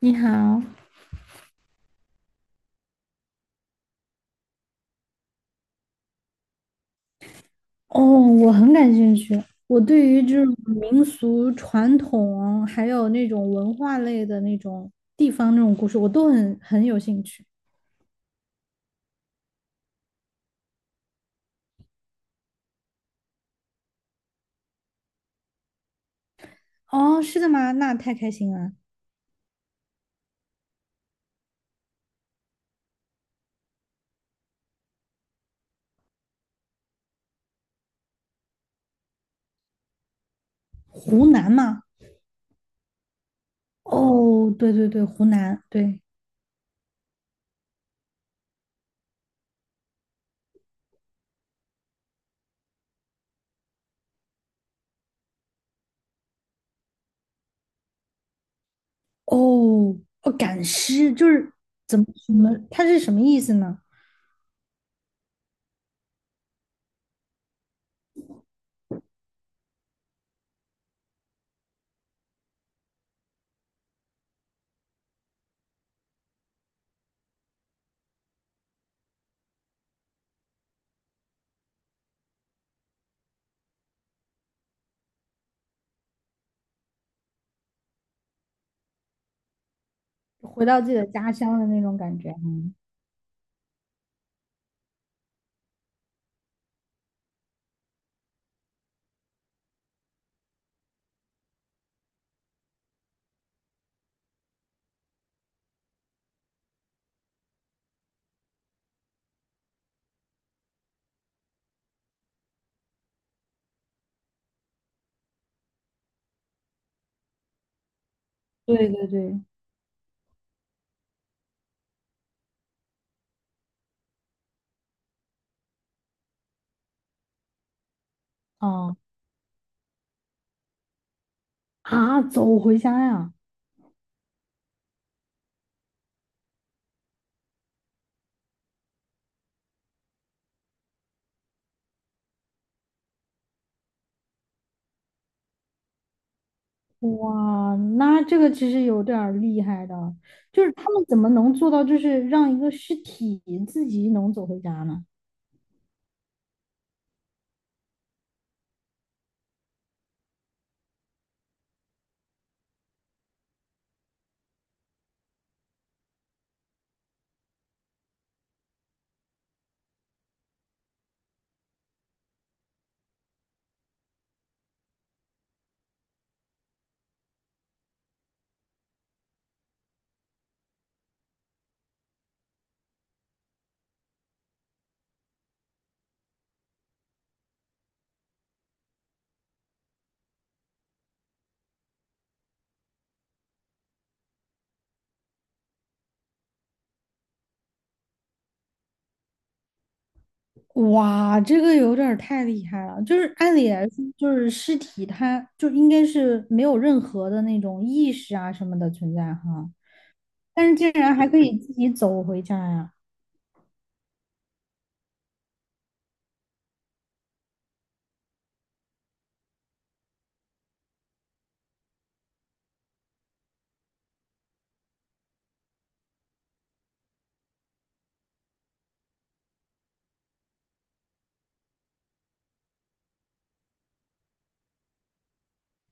你好，哦，我很感兴趣。我对于这种民俗传统，还有那种文化类的那种地方那种故事，我都很有兴趣。哦，是的吗？那太开心了。湖南吗？哦，对对对，湖南，对。哦，哦，赶尸就是怎么什么，它是什么意思呢？回到自己的家乡的那种感觉吗？对对对，哦啊，走回家呀。哇，那这个其实有点儿厉害的，就是他们怎么能做到，就是让一个尸体自己能走回家呢？哇，这个有点儿太厉害了。就是按理来说，就是尸体它就应该是没有任何的那种意识啊什么的存在哈，但是竟然还可以自己走回家呀，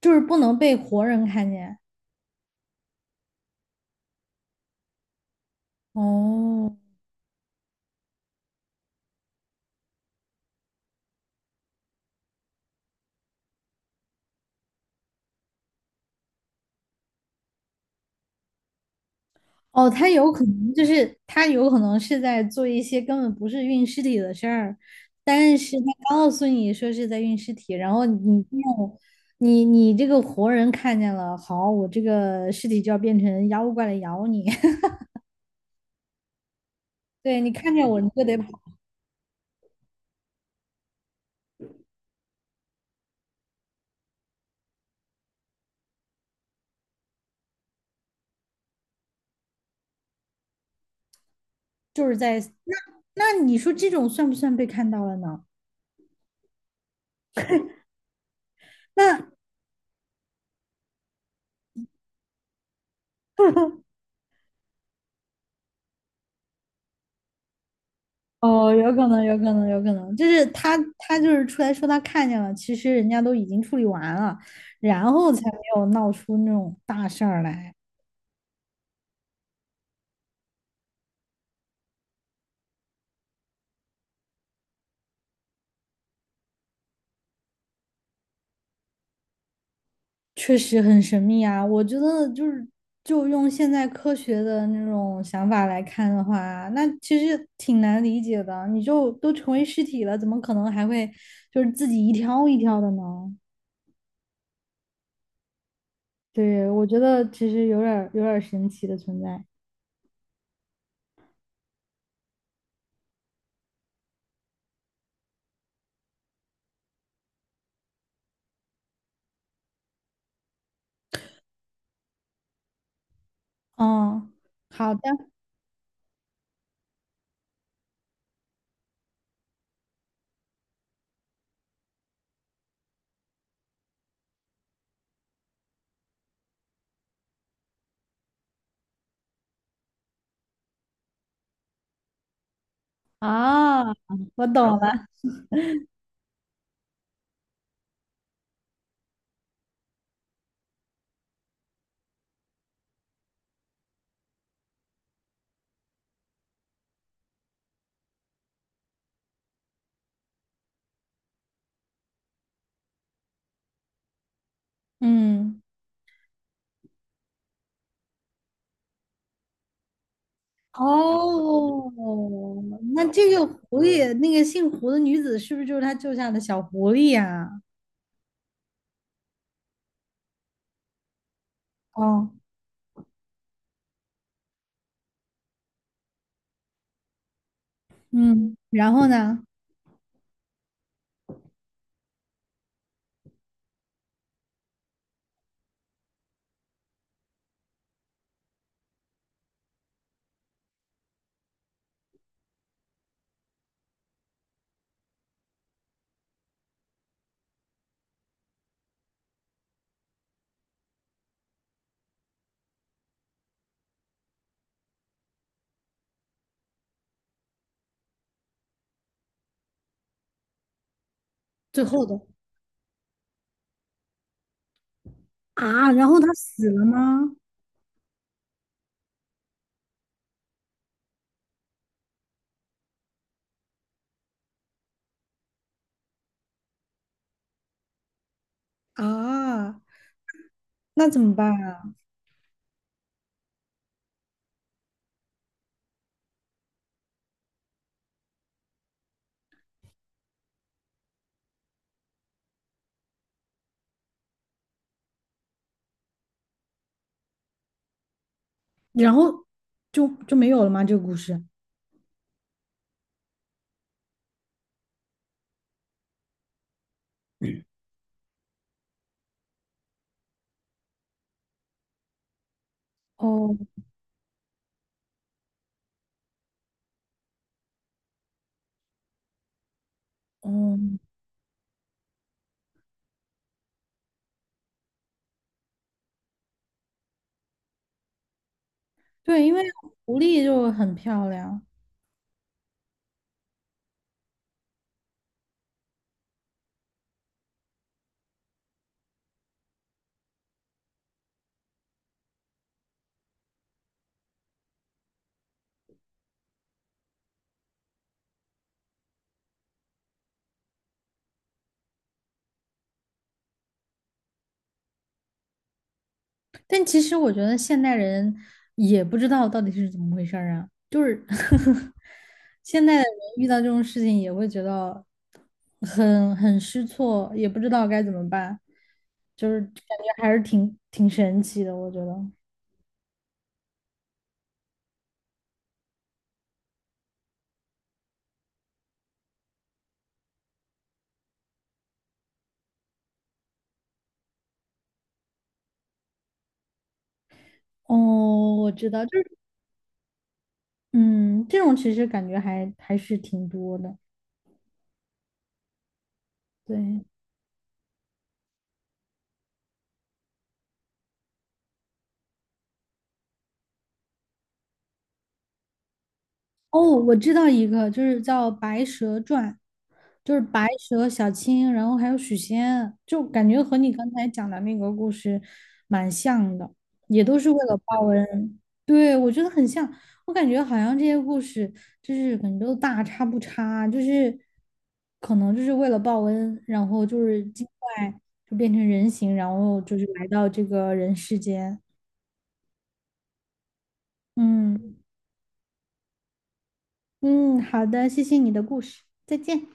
就是不能被活人看见。哦，哦，他有可能是在做一些根本不是运尸体的事儿，但是他告诉你说是在运尸体，然后你没有你你这个活人看见了，好，我这个尸体就要变成妖怪来咬你，对你看见我你就得跑，就是在那那你说这种算不算被看到了呢？那 哦，有可能，有可能，有可能，就是他就是出来说他看见了，其实人家都已经处理完了，然后才没有闹出那种大事儿来，确实很神秘啊。我觉得就用现在科学的那种想法来看的话，那其实挺难理解的。你就都成为尸体了，怎么可能还会就是自己一条一条的呢？对，我觉得其实有点儿神奇的存在。嗯，好的，啊，我懂了。嗯，哦，那这个狐狸，那个姓胡的女子是不是就是他救下的小狐狸呀、哦，嗯，然后呢？最后的啊，然后他死了吗？啊，那怎么办啊？然后就没有了吗？这个故事？哦，哦，对，因为狐狸就很漂亮，但其实我觉得现代人也不知道到底是怎么回事儿啊，就是 现在的人遇到这种事情也会觉得很失措，也不知道该怎么办，就是感觉还是挺神奇的，我觉得。哦，我知道，就是嗯，这种其实感觉还是挺多的，对。哦，我知道一个，就是叫《白蛇传》，就是白蛇、小青，然后还有许仙，就感觉和你刚才讲的那个故事蛮像的，也都是为了报恩。对，我觉得很像，我感觉好像这些故事就是可能都大差不差，就是可能就是为了报恩，然后就是精怪就变成人形，然后就是来到这个人世间。嗯嗯，好的，谢谢你的故事，再见。